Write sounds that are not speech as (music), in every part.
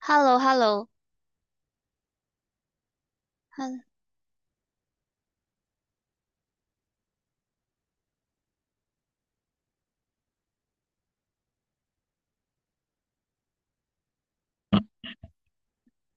h e l l o h e l l o。 嗯，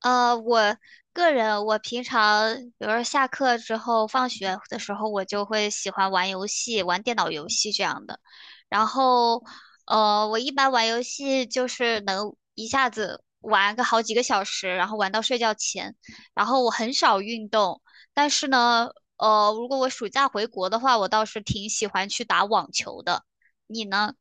我个人，我平常，比如说下课之后、放学的时候，我就会喜欢玩游戏，玩电脑游戏这样的。然后，我一般玩游戏就是能一下子玩个好几个小时，然后玩到睡觉前。然后我很少运动，但是呢,如果我暑假回国的话，我倒是挺喜欢去打网球的。你呢？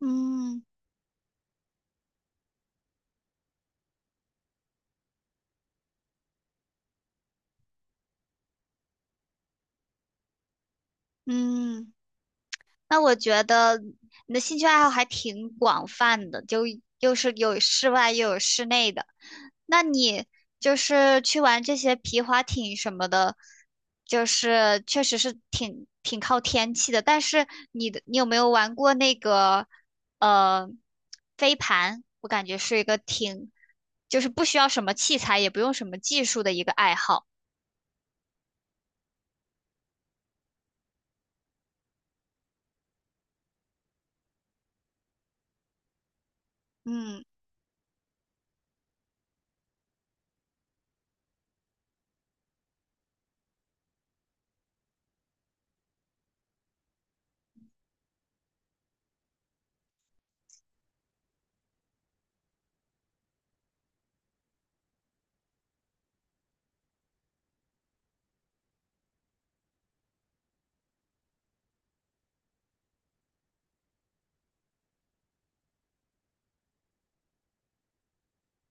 嗯嗯，那我觉得你的兴趣爱好还挺广泛的，就又是有室外又有室内的。那你就是去玩这些皮划艇什么的，就是确实是挺靠天气的。但是你有没有玩过那个呃飞盘？我感觉是一个挺就是不需要什么器材，也不用什么技术的一个爱好。嗯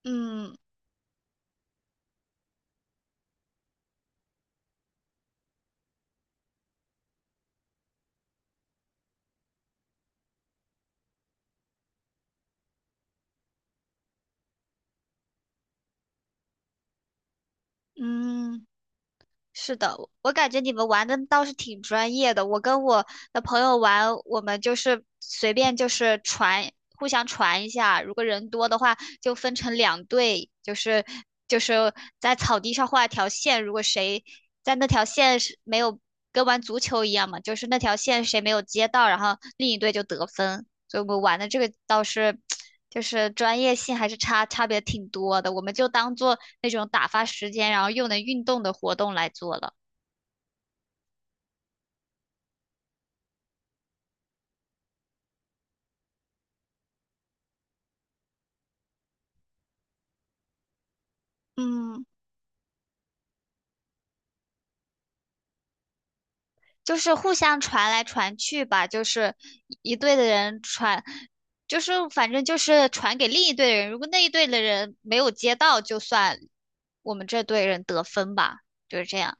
嗯嗯。是的，我感觉你们玩的倒是挺专业的。我跟我的朋友玩，我们就是随便就是传，互相传一下。如果人多的话，就分成两队，就是在草地上画一条线，如果谁在那条线是没有跟玩足球一样嘛，就是那条线谁没有接到，然后另一队就得分。所以我们玩的这个倒是 (tsk) 就是专业性还是差别挺多的，我们就当做那种打发时间，然后又能运动的活动来做了。嗯。就是互相传来传去吧，就是一队的人传，就是反正就是传给另一队的人，如果那一队的人没有接到，就算我们这队人得分吧，就是这样。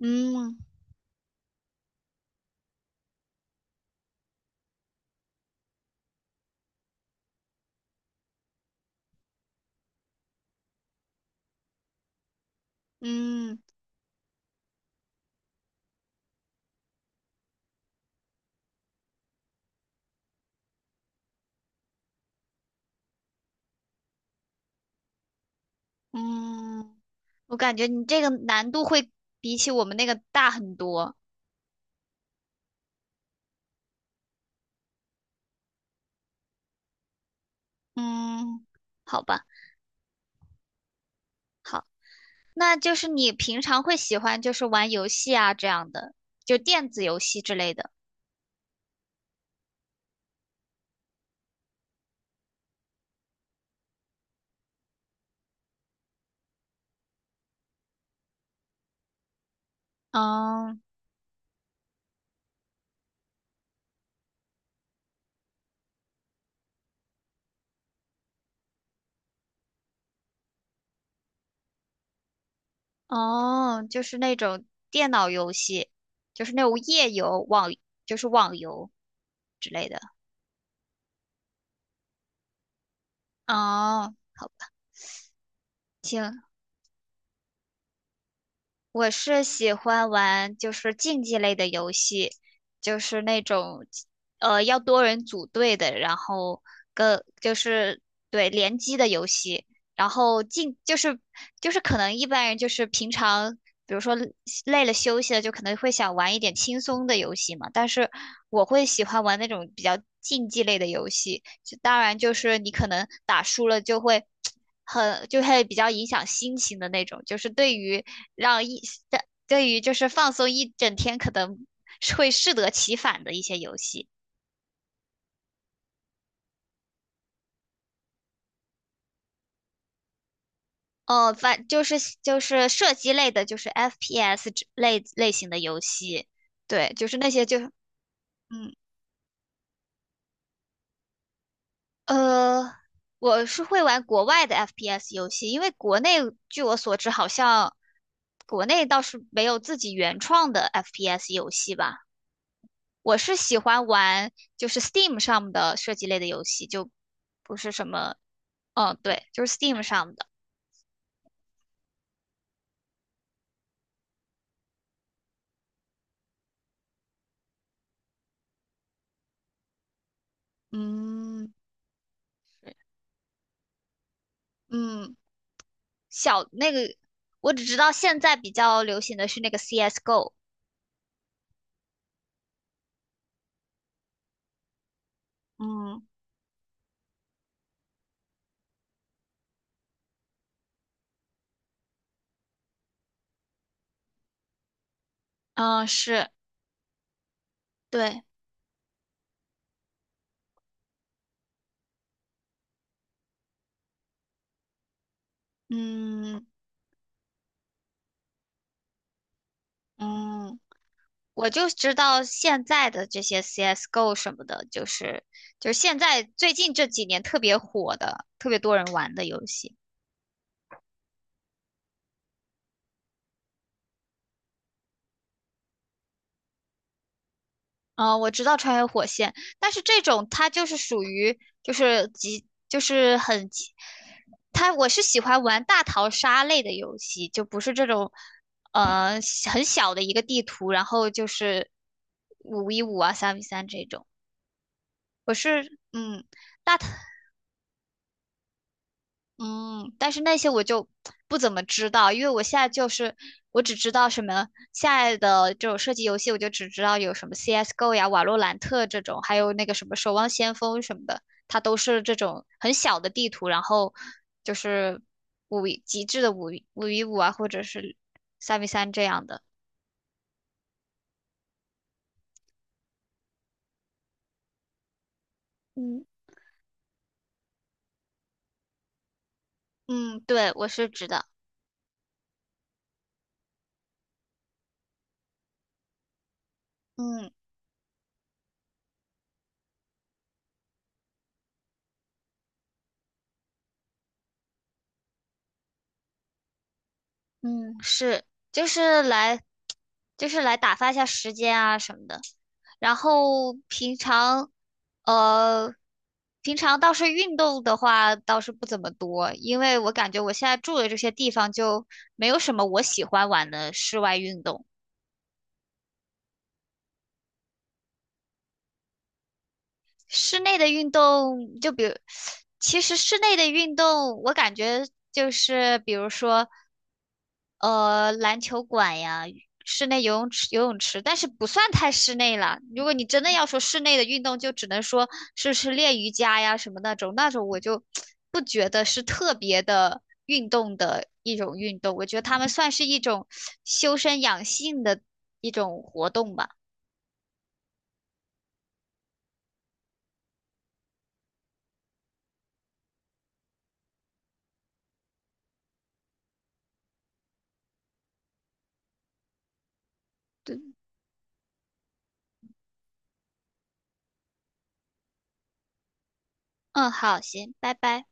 嗯嗯嗯，我感觉你这个难度会比起我们那个大很多。嗯，好吧，好，那就是你平常会喜欢就是玩游戏啊这样的，就电子游戏之类的。嗯。哦，就是那种电脑游戏，就是那种页游、网，就是网游之类的。哦，好吧，行，我是喜欢玩就是竞技类的游戏，就是那种要多人组队的，然后跟就是对联机的游戏，然后竞就是就是可能一般人就是平常比如说累了休息了，就可能会想玩一点轻松的游戏嘛，但是我会喜欢玩那种比较竞技类的游戏，就当然就是你可能打输了就会 (tsk)。很就会比较影响心情的那种，就是对于让一对对于就是放松一整天可能是会适得其反的一些游戏。哦，反就是就是射击类的，就是 FPS 类型的游戏，对，就是那些就嗯呃，我是会玩国外的 FPS 游戏，因为国内据我所知好像国内倒是没有自己原创的 FPS 游戏吧。我是喜欢玩就是 Steam 上的设计类的游戏，就不是什么，嗯，对，就是 Steam 上的，嗯对嗯，小那个，我只知道现在比较流行的是那个 CS:GO,嗯嗯，是对，嗯嗯，我就知道现在的这些 CS:GO 什么的，就是就是现在最近这几年特别火的，特别多人玩的游戏。我知道穿越火线，但是这种它就是属于就是极就是很极，它我是喜欢玩大逃杀类的游戏，就不是这种呃很小的一个地图，然后就是五 v 五啊三 v 三这种。我是嗯大逃。嗯，但是那些我就不怎么知道，因为我现在就是我只知道什么现在的这种射击游戏，我就只知道有什么 CS:GO 呀、瓦洛兰特这种，还有那个什么守望先锋什么的，它都是这种很小的地图，然后就是五 v 五啊，或者是三 v 三这样的。嗯，嗯，对，我是知道。嗯嗯，是，就是来，就是来打发一下时间啊什么的。然后平常，呃，平常倒是运动的话倒是不怎么多，因为我感觉我现在住的这些地方就没有什么我喜欢玩的室外运动。室内的运动，就比如，其实室内的运动，我感觉就是比如说，篮球馆呀，室内游泳池，但是不算太室内了。如果你真的要说室内的运动，就只能说是练瑜伽呀什么那种，那种我就不觉得是特别的运动的一种运动，我觉得他们算是一种修身养性的一种活动吧。对，嗯，好，行，拜拜。